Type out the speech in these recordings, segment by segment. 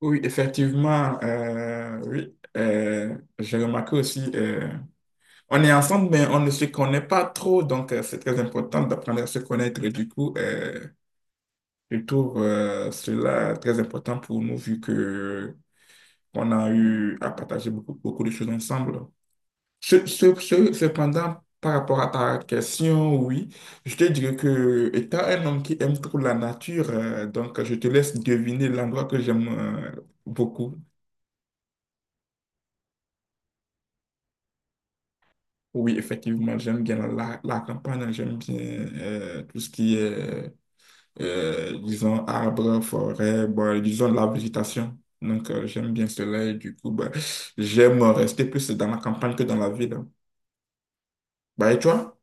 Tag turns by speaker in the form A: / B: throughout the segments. A: Oui, effectivement, oui, j'ai remarqué aussi, on est ensemble, mais on ne se connaît pas trop, donc c'est très important d'apprendre à se connaître. Et du coup, je trouve cela très important pour nous, vu que on a eu à partager beaucoup, beaucoup de choses ensemble. Cependant, par rapport à ta question, oui, je te dirais que étant un homme qui aime trop la nature, donc je te laisse deviner l'endroit que j'aime beaucoup. Oui, effectivement, j'aime bien la campagne, j'aime bien tout ce qui est, disons, arbres, forêts, bon, disons, la végétation. Donc, j'aime bien cela et du coup, bah, j'aime rester plus dans la campagne que dans la ville. Bah, et toi?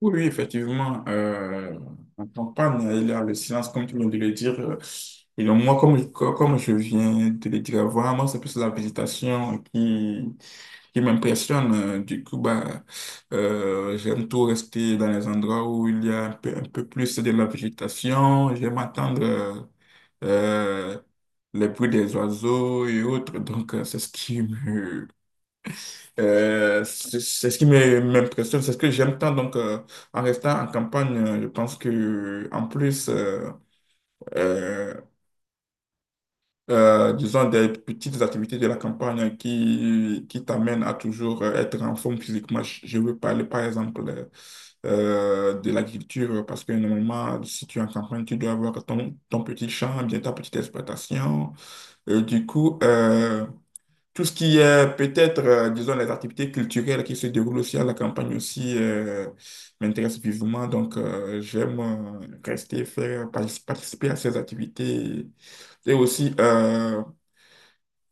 A: Oui, oui, effectivement. En campagne, il y a le silence, comme tu viens de le dire. Et donc, moi, comme je viens de le dire avant, moi, c'est plus la végétation qui m'impressionne. Du coup, bah, j'aime tout rester dans les endroits où il y a un peu plus de la végétation. J'aime attendre euh, les bruits des oiseaux et autres. Donc, c'est ce qui me, c'est ce qui m'impressionne, c'est ce que j'aime tant. Donc, en restant en campagne, je pense que en plus, euh, disons, des petites activités de la campagne qui t'amènent à toujours être en forme physiquement. Je veux parler, par exemple, de l'agriculture, parce que normalement, si tu es en campagne, tu dois avoir ton, ton petit champ, bien ta petite exploitation. Et du coup, tout ce qui est peut-être, disons, les activités culturelles qui se déroulent aussi à la campagne aussi m'intéresse vivement. Donc, j'aime rester, faire, participer à ces activités et aussi, euh,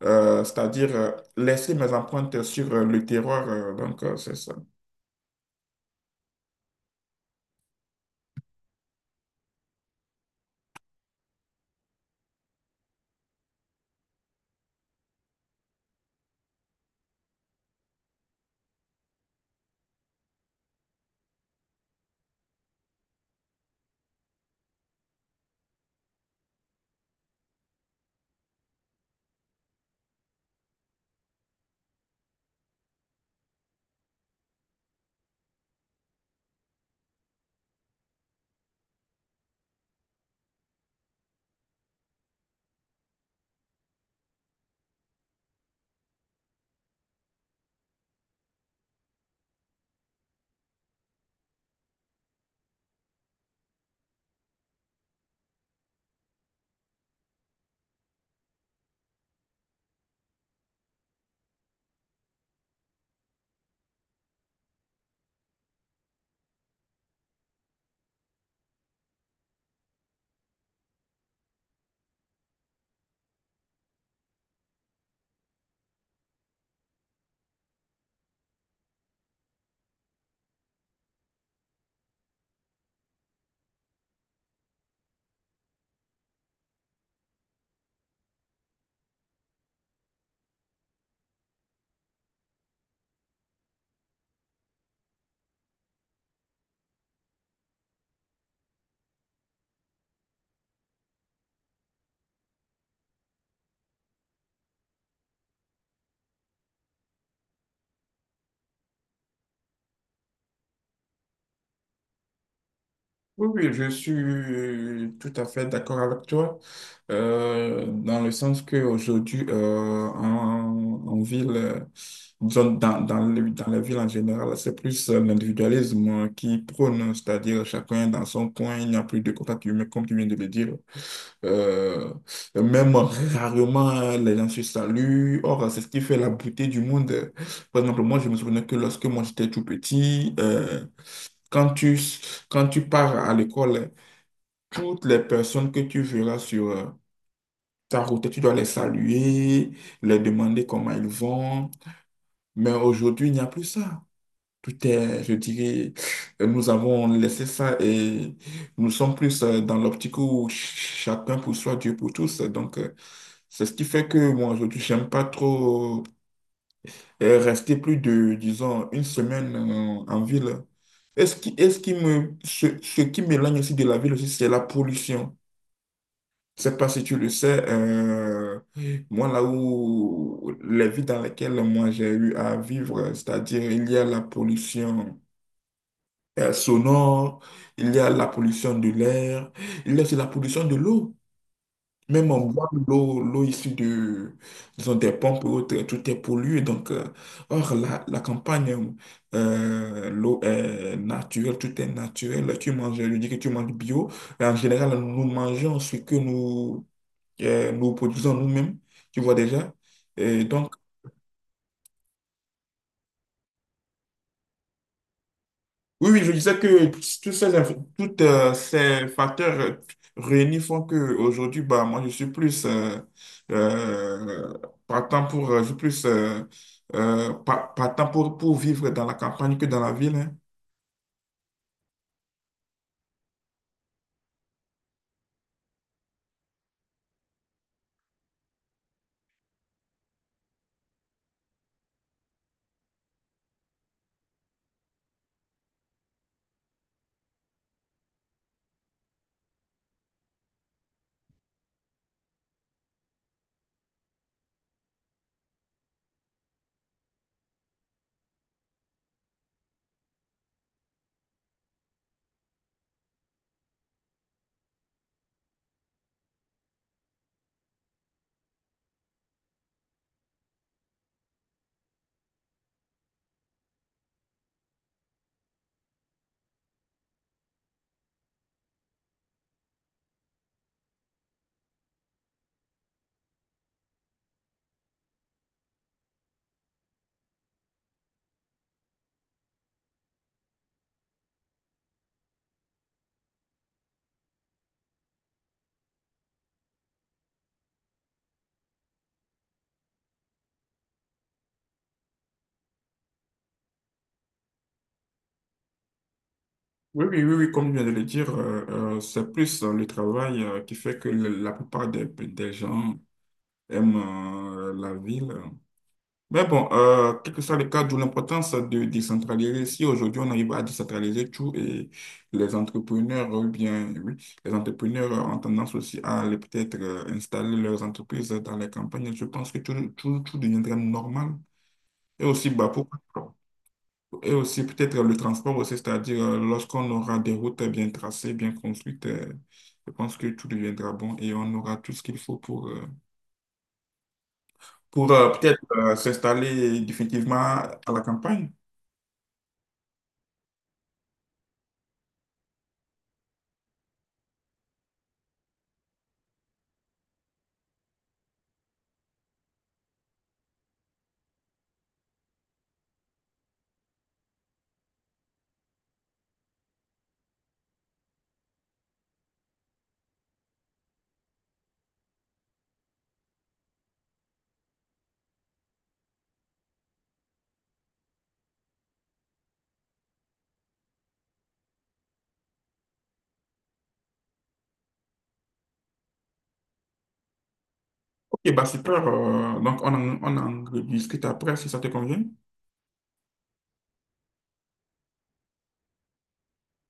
A: euh, c'est-à-dire, laisser mes empreintes sur le terroir. Donc, c'est ça. Oui, oui, je suis tout à fait d'accord avec toi, dans le sens qu'aujourd'hui, en ville, disons, dans les villes en général, c'est plus l'individualisme qui prône, c'est-à-dire chacun dans son coin, il n'y a plus de contact humain, comme tu viens de le dire. Euh, Même rarement, les gens se saluent. Or, c'est ce qui fait la beauté du monde. Par exemple, moi, je me souviens que lorsque moi, j'étais tout petit, quand tu, quand tu pars à l'école, toutes les personnes que tu verras sur ta route, tu dois les saluer, les demander comment ils vont. Mais aujourd'hui, il n'y a plus ça. Tout est, je dirais, nous avons laissé ça et nous sommes plus dans l'optique où chacun pour soi, Dieu pour tous. Donc, c'est ce qui fait que moi, aujourd'hui, j'aime pas trop rester plus de, disons, une semaine en ville. Et ce qui me, ce qui m'éloigne aussi de la ville aussi, c'est la pollution. Je sais pas si tu le sais, moi, là où les villes dans lesquelles moi j'ai eu à vivre, c'est-à-dire il y a la pollution. Sonore, il y a la pollution de l'air, il y a aussi la pollution de l'eau. Même on boit l'eau, l'eau issue de, disons, des pompes et autres, tout est pollué. Donc, or, la campagne, l'eau est naturelle, tout est naturel. Tu manges, je dis que tu manges bio. Mais en général, nous mangeons ce que nous, nous produisons nous-mêmes, tu vois déjà. Et donc, oui, oui, je disais que toutes ces facteurs réunis font que aujourd'hui bah, moi, je suis plus euh, partant pour, je suis plus, pa- partant pour vivre dans la campagne que dans la ville. Hein. Oui, oui, oui, oui, comme je viens de le dire, c'est plus le travail qui fait que la plupart des gens aiment la ville. Mais bon, quel que soit le cadre ou l'importance de décentraliser, si aujourd'hui on arrive à décentraliser tout et les entrepreneurs, ou bien, oui, les entrepreneurs ont tendance aussi à aller peut-être installer leurs entreprises dans les campagnes, je pense que tout, tout, tout deviendrait normal. Et aussi, bah, pourquoi pas et aussi peut-être le transport aussi, c'est-à-dire lorsqu'on aura des routes bien tracées, bien construites, je pense que tout deviendra bon et on aura tout ce qu'il faut pour peut-être s'installer définitivement à la campagne. Ok, bah super. Donc, on en rediscute après si ça te convient.